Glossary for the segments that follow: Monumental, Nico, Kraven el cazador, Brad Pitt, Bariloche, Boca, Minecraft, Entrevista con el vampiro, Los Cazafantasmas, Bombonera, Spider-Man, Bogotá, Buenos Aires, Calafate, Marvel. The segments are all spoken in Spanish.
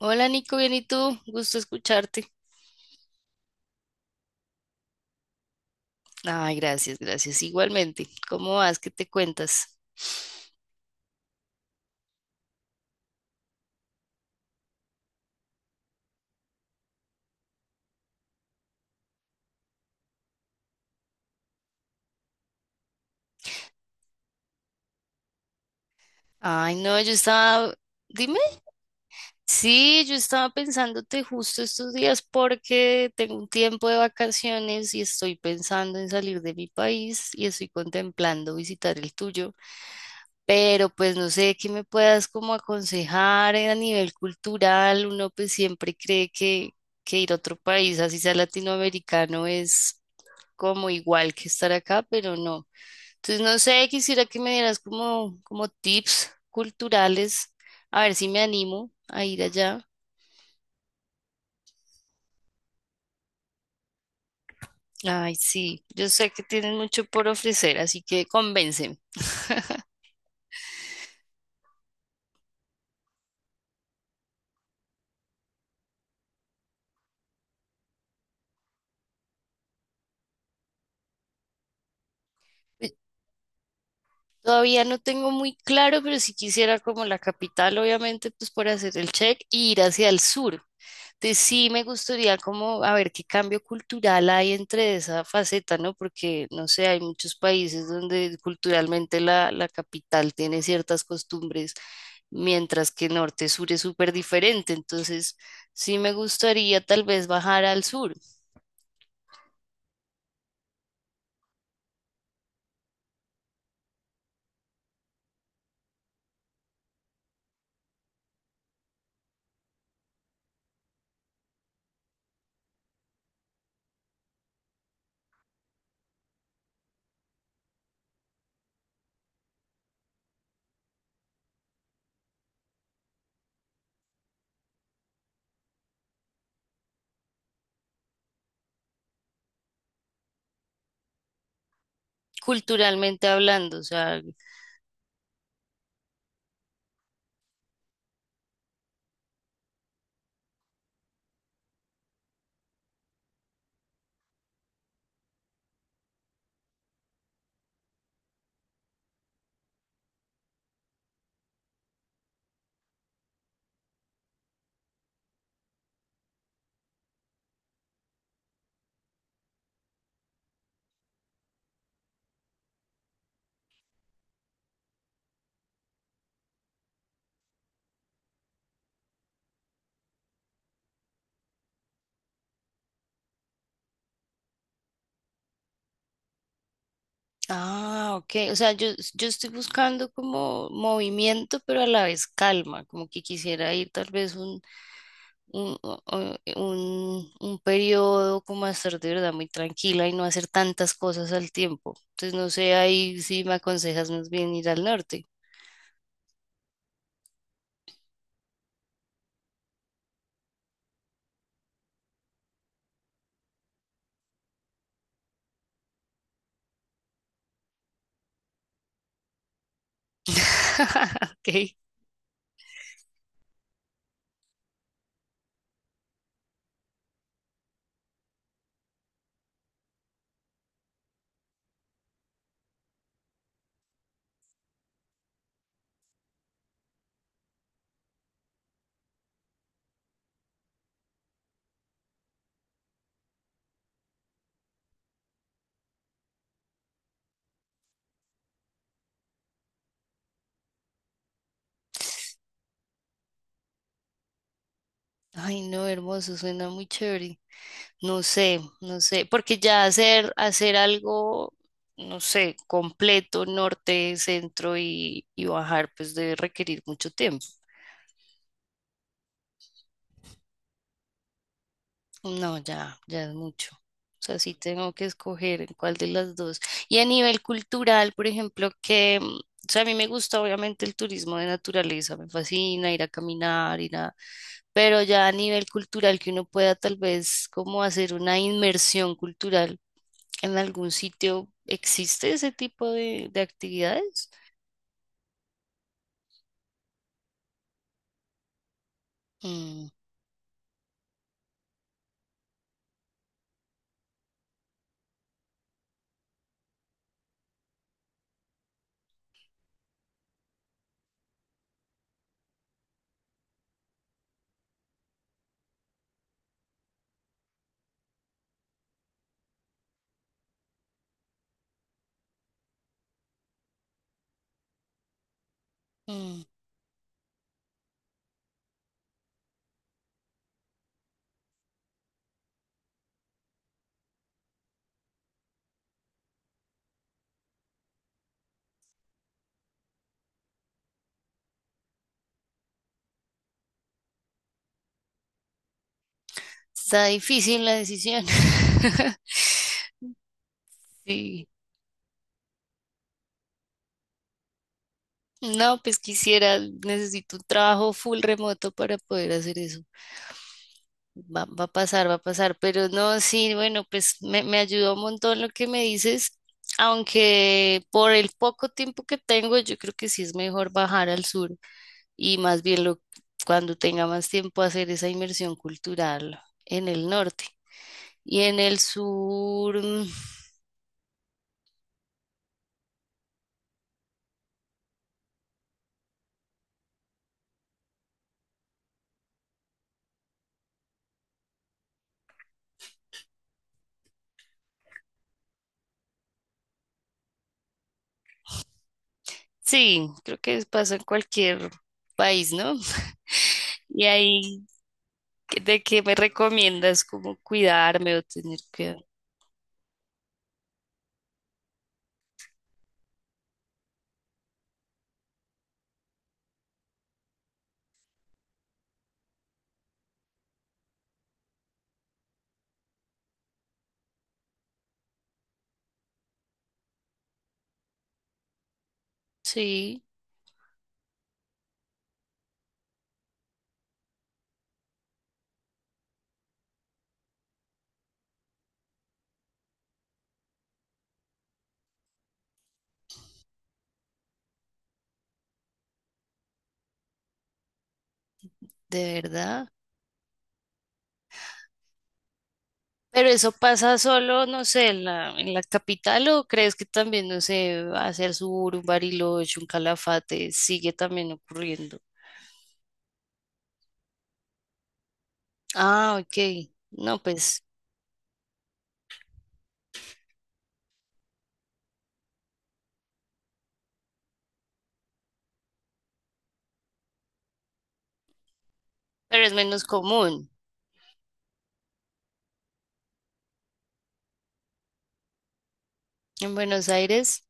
Hola Nico, bien y tú, gusto escucharte. Ay, gracias, gracias. Igualmente, ¿cómo vas? ¿Qué te cuentas? Ay, no, yo estaba, dime, sí, yo estaba pensándote justo estos días porque tengo un tiempo de vacaciones y estoy pensando en salir de mi país y estoy contemplando visitar el tuyo, pero pues no sé qué me puedas como aconsejar a nivel cultural. Uno pues siempre cree que ir a otro país, así sea latinoamericano, es como igual que estar acá, pero no. Entonces, no sé, quisiera que me dieras como, como tips culturales, a ver si me animo a ir allá. Ay, sí, yo sé que tienen mucho por ofrecer, así que convénceme. Eh, Todavía no tengo muy claro, pero si quisiera como la capital, obviamente, pues por hacer el check y ir hacia el sur. Entonces, sí me gustaría como a ver qué cambio cultural hay entre esa faceta, ¿no? Porque, no sé, hay muchos países donde culturalmente la capital tiene ciertas costumbres, mientras que norte-sur es súper diferente. Entonces, sí me gustaría tal vez bajar al sur, culturalmente hablando, o sea. Ah, ok. O sea, yo estoy buscando como movimiento, pero a la vez calma, como que quisiera ir tal vez un, o- un periodo como a estar de verdad muy tranquila y no hacer tantas cosas al tiempo. Entonces, no sé, ahí si me aconsejas más bien ir al norte. Ok. Ay, no, hermoso, suena muy chévere. No sé, no sé, porque ya hacer algo, no sé, completo, norte, centro y bajar, pues debe requerir mucho tiempo. No, ya, ya es mucho. O sea, sí tengo que escoger en cuál de las dos. Y a nivel cultural, por ejemplo, o sea, a mí me gusta obviamente el turismo de naturaleza, me fascina ir a caminar, ir a, pero ya a nivel cultural que uno pueda tal vez como hacer una inmersión cultural. ¿En algún sitio existe ese tipo de actividades? Mm, mm. Está difícil la decisión. Sí. No, pues quisiera, necesito un trabajo full remoto para poder hacer eso. Va, va a pasar, pero no, sí, bueno, me ayudó un montón lo que me dices, aunque por el poco tiempo que tengo, yo creo que sí es mejor bajar al sur y más bien lo, cuando tenga más tiempo hacer esa inmersión cultural en el norte. Y en el sur, mm, sí, creo que pasa en cualquier país, ¿no? Y ahí, ¿de qué me recomiendas? ¿Cómo cuidarme o tener cuidado? Sí, de verdad. Pero eso pasa solo, no sé, en en la capital o crees que también, no sé, hacia el sur, un Bariloche, un Calafate, sigue también ocurriendo. Ah, ok. No, pues, pero es menos común. En Buenos Aires.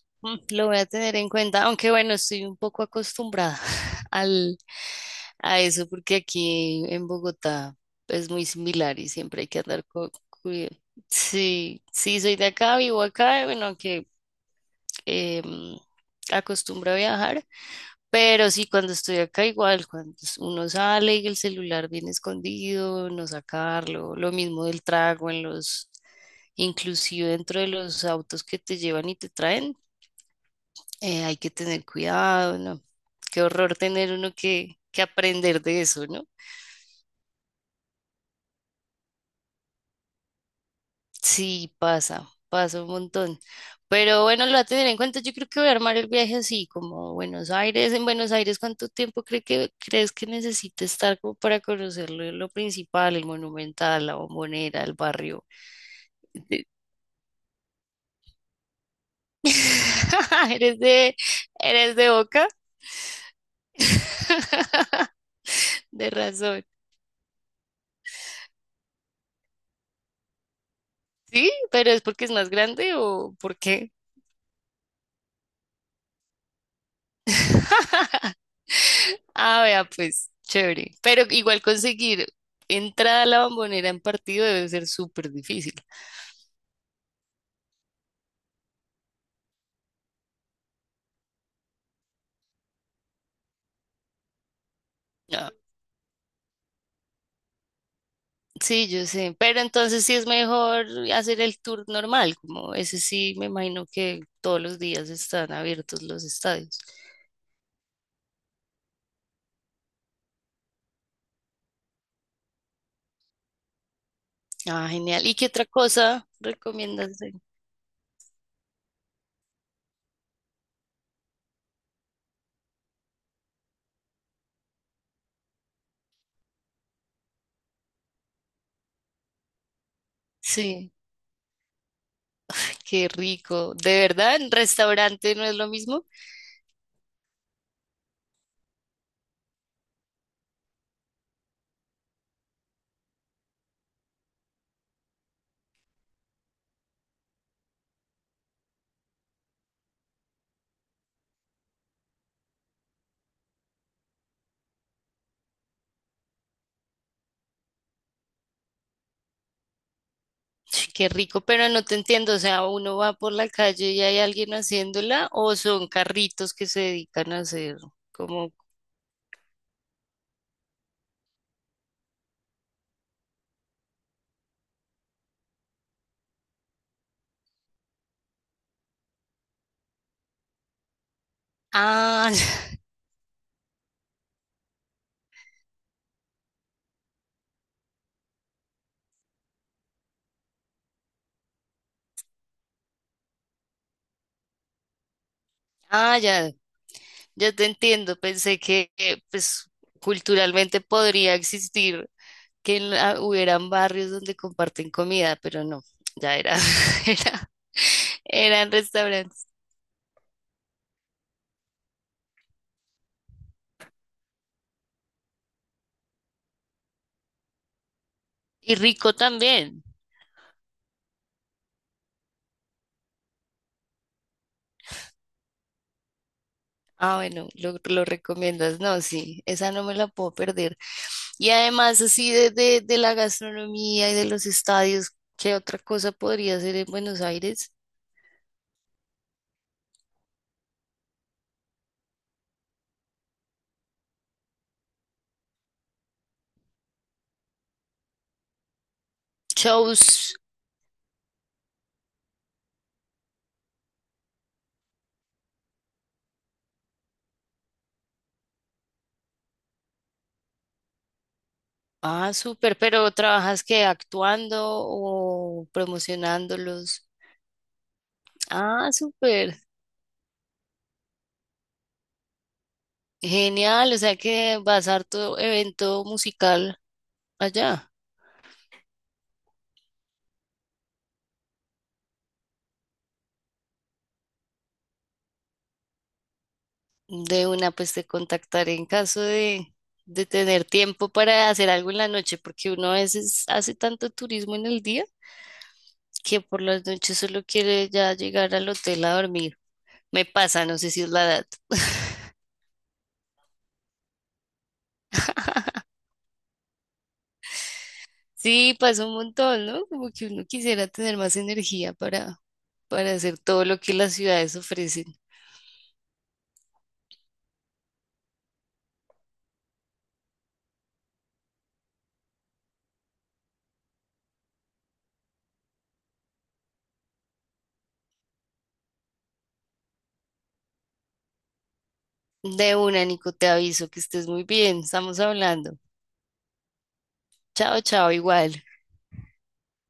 Mm, lo voy a tener en cuenta, aunque bueno, estoy un poco acostumbrada al, a eso porque aquí en Bogotá es muy similar y siempre hay que andar con cuidado. Sí, sí, soy de acá, vivo acá, bueno, aunque em, acostumbro a viajar, pero sí, cuando estoy acá igual, cuando uno sale y el celular viene escondido, no sacarlo, lo mismo del trago en los, inclusive dentro de los autos que te llevan y te traen hay que tener cuidado, ¿no? Qué horror tener uno que aprender de eso, ¿no? Sí, pasa, pasa un montón. Pero bueno, lo voy a tener en cuenta. Yo creo que voy a armar el viaje así, como Buenos Aires. En Buenos Aires, ¿cuánto tiempo crees que necesite estar como para conocer lo principal, el Monumental, la Bombonera, el barrio? De- ¿Eres eres de Boca? De razón. ¿Sí? ¿Pero es porque es más grande o por qué? Ah, vea, pues, chévere. Pero igual conseguir entrada a la Bombonera en partido debe ser súper difícil. No, sí, yo sé. Pero entonces sí es mejor hacer el tour normal, como ese sí, me imagino que todos los días están abiertos los estadios. Ah, genial. ¿Y qué otra cosa recomiendas hacer? Sí, qué rico. ¿De verdad en restaurante no es lo mismo? Ch, qué rico, pero no te entiendo, o sea, uno va por la calle y hay alguien haciéndola o son carritos que se dedican a hacer como... Ah, ah, ya, ya te entiendo, pensé que pues culturalmente podría existir que en la- hubieran barrios donde comparten comida, pero no, ya era, era, eran restaurantes. Y rico también. Ah, bueno, lo recomiendas. No, sí, esa no me la puedo perder. Y además, así de la gastronomía y de los estadios, ¿qué otra cosa podría hacer en Buenos Aires? Shows. Ah, súper, pero ¿trabajas que actuando o promocionándolos? Ah, súper. Genial, o sea que vas a harto evento musical allá. De una, pues te contactaré en caso de tener tiempo para hacer algo en la noche, porque uno a veces hace tanto turismo en el día que por las noches solo quiere ya llegar al hotel a dormir. Me pasa, no sé si es la edad. Sí, pasa un montón, ¿no? Como que uno quisiera tener más energía para hacer todo lo que las ciudades ofrecen. De una, Nico, te aviso que estés muy bien, estamos hablando. Chao, chao, igual.